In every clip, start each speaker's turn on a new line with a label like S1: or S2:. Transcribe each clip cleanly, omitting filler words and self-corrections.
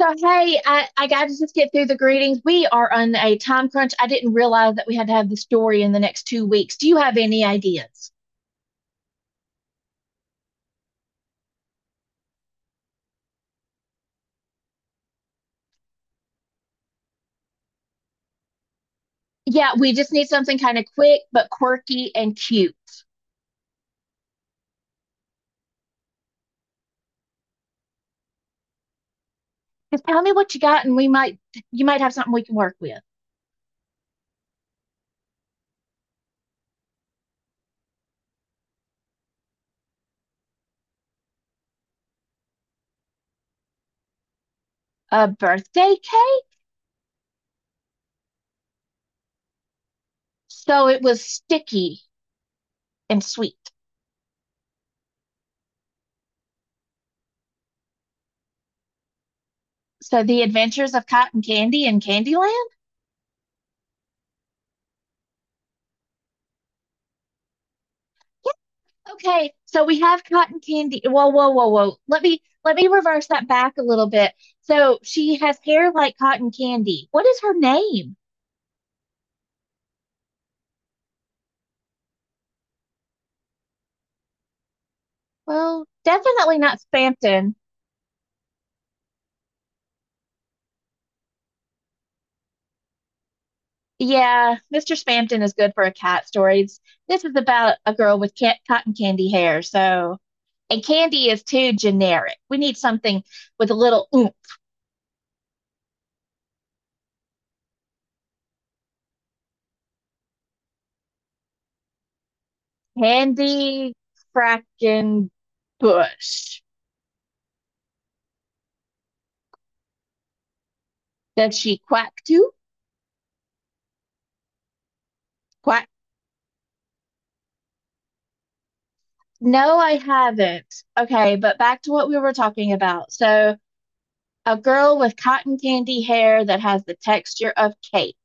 S1: So, hey, I got to just get through the greetings. We are on a time crunch. I didn't realize that we had to have the story in the next 2 weeks. Do you have any ideas? Yeah, we just need something kind of quick but quirky and cute. Just tell me what you got, and we might you might have something we can work with. A birthday cake? So it was sticky and sweet. So the adventures of cotton candy and Candyland? Okay, so we have cotton candy. Whoa, whoa, whoa, whoa. Let me reverse that back a little bit. So she has hair like cotton candy. What is her name? Well, definitely not Spampton. Yeah, Mr. Spampton is good for a cat stories. This is about a girl with cat cotton candy hair. So, and candy is too generic. We need something with a little oomph. Candy Kraken Bush. Does she quack too? Quack, no, I haven't. Okay, but back to what we were talking about. So, a girl with cotton candy hair that has the texture of cake.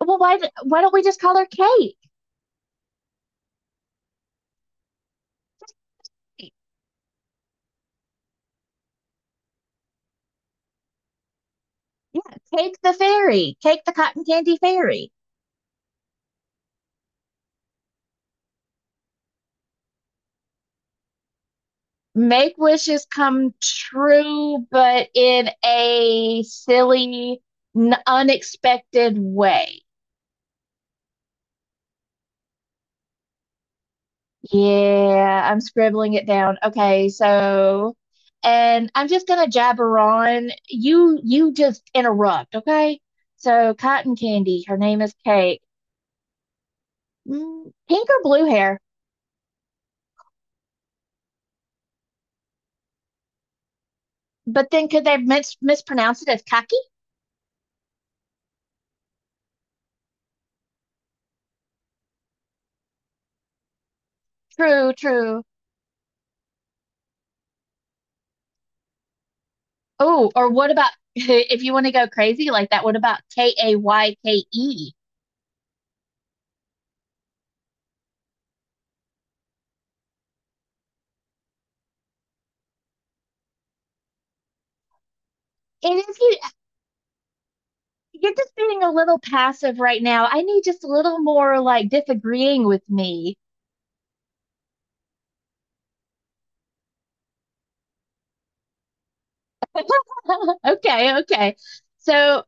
S1: Well, why don't we just call her Cake? Yeah, Cake the fairy. Cake the cotton candy fairy. Make wishes come true, but in a silly, unexpected way. Yeah, I'm scribbling it down. Okay, so, and I'm just gonna jabber on. You just interrupt, okay? So, Cotton Candy, her name is Cake. Mm, pink or blue hair? But then could they mispronounce it as kaki? True, true. Oh, or what about if you want to go crazy like that? What about Kayke? And if you're just being a little passive right now, I need just a little more like disagreeing with me. Okay, okay. So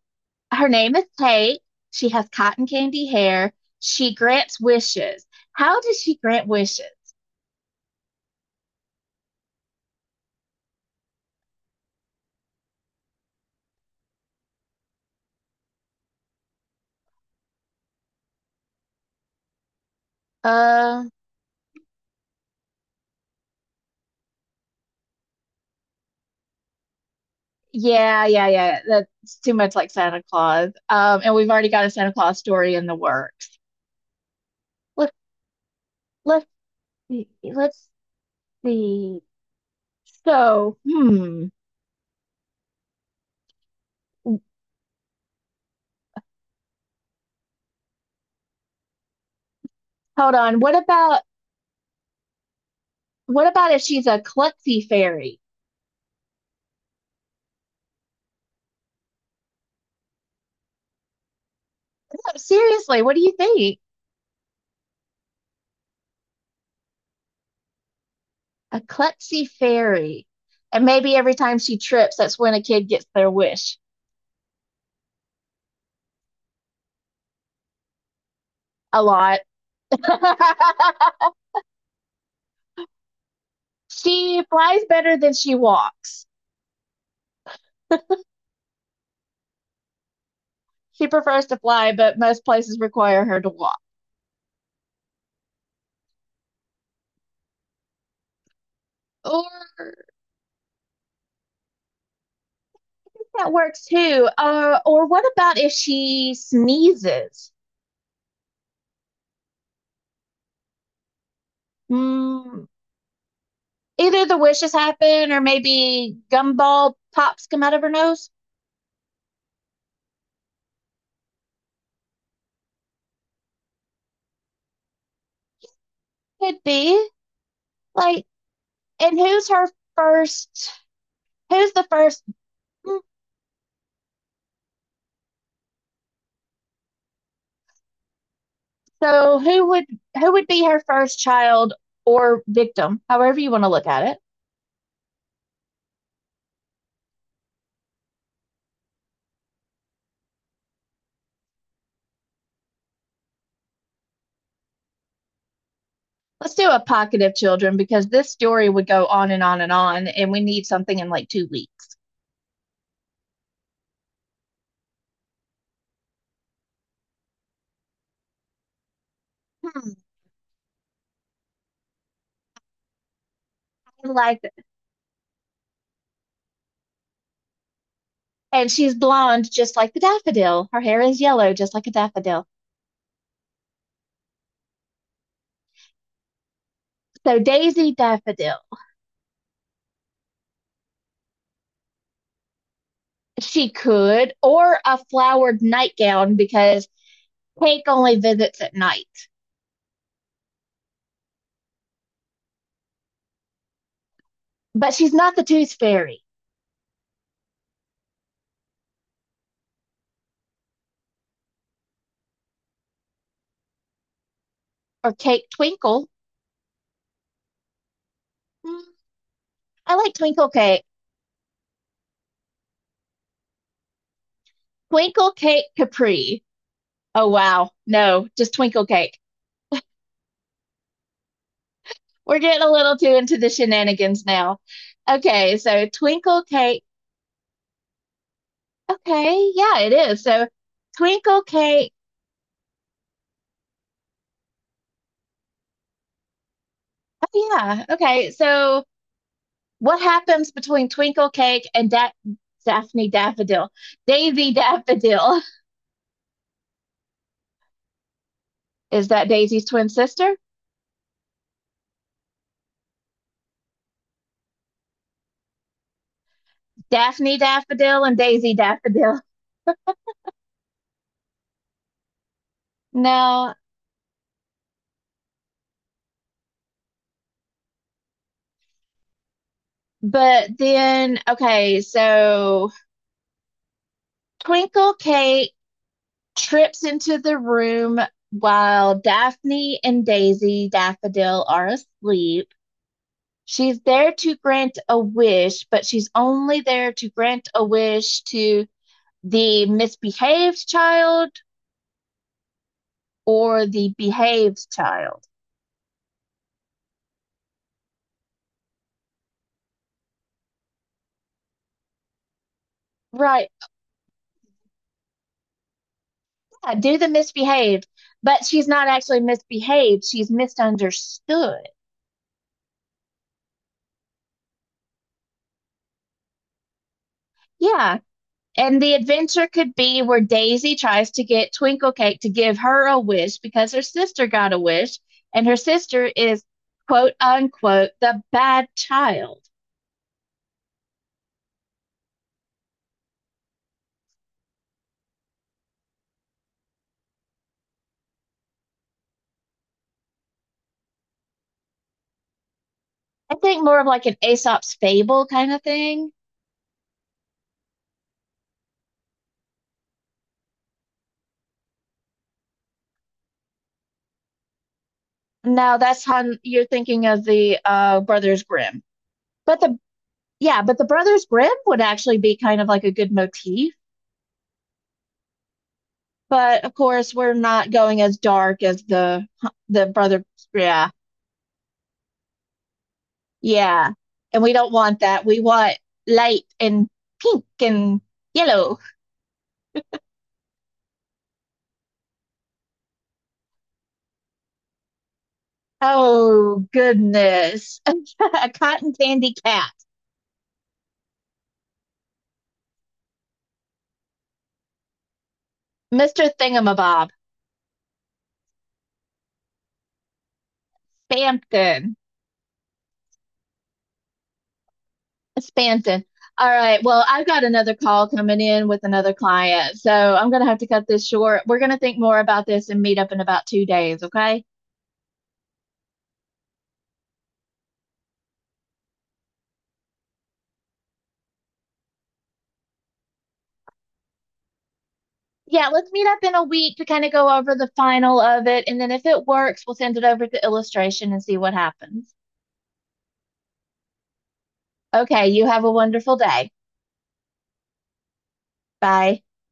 S1: her name is Kate. She has cotton candy hair. She grants wishes. How does she grant wishes? Uh, yeah, yeah, yeah. That's too much like Santa Claus. And we've already got a Santa Claus story in the works. Let's let's Let's see. So, Hold on. What about if she's a klutzy fairy? No, seriously, what do you think? A klutzy fairy. And maybe every time she trips, that's when a kid gets their wish. A lot. She flies better than she walks. She prefers to fly, but most places require her to walk. Or that works too. Or what about if she sneezes? Mm, either the wishes happen, or maybe gumball pops come out of her nose. Could be. Like, and who's her first? Who's the first? mm, So who would be her first child or victim, however you want to look at it? Let's do a pocket of children because this story would go on and on and on, and we need something in like 2 weeks. Hmm, I like that. And she's blonde, just like the daffodil. Her hair is yellow, just like a daffodil. So Daisy Daffodil. She could, or a flowered nightgown because Cake only visits at night. But she's not the Tooth Fairy or Cake Twinkle. Hmm, I like Twinkle Cake. Twinkle Cake Capri. Oh, wow. No, just Twinkle Cake. We're getting a little too into the shenanigans now. Okay, so Twinkle Cake. Okay, yeah, it is. So Twinkle Cake. Oh, yeah. Okay, so what happens between Twinkle Cake and da Daphne Daffodil? Daisy Daffodil. Is that Daisy's twin sister? Daphne Daffodil and Daisy Daffodil. No, but then, okay, so Twinkle Cake trips into the room while Daphne and Daisy Daffodil are asleep. She's there to grant a wish, but she's only there to grant a wish to the misbehaved child or the behaved child. Right. Yeah, do the misbehaved, but she's not actually misbehaved. She's misunderstood. Yeah. And the adventure could be where Daisy tries to get Twinklecake to give her a wish because her sister got a wish, and her sister is quote unquote the bad child. I think more of like an Aesop's fable kind of thing. No, that's how you're thinking of the Brothers Grimm. But the yeah, but the Brothers Grimm would actually be kind of like a good motif. But of course, we're not going as dark as the Brothers. Yeah, yeah. And we don't want that. We want light and pink and yellow. Oh, goodness. A cotton candy cat. Mr. Thingamabob. Spampton. Spampton. All right. Well, I've got another call coming in with another client. So I'm going to have to cut this short. We're going to think more about this and meet up in about 2 days. Okay. Yeah. Let's meet up in a week to kind of go over the final of it. And then if it works, we'll send it over to illustration and see what happens. Okay, you have a wonderful day. Bye.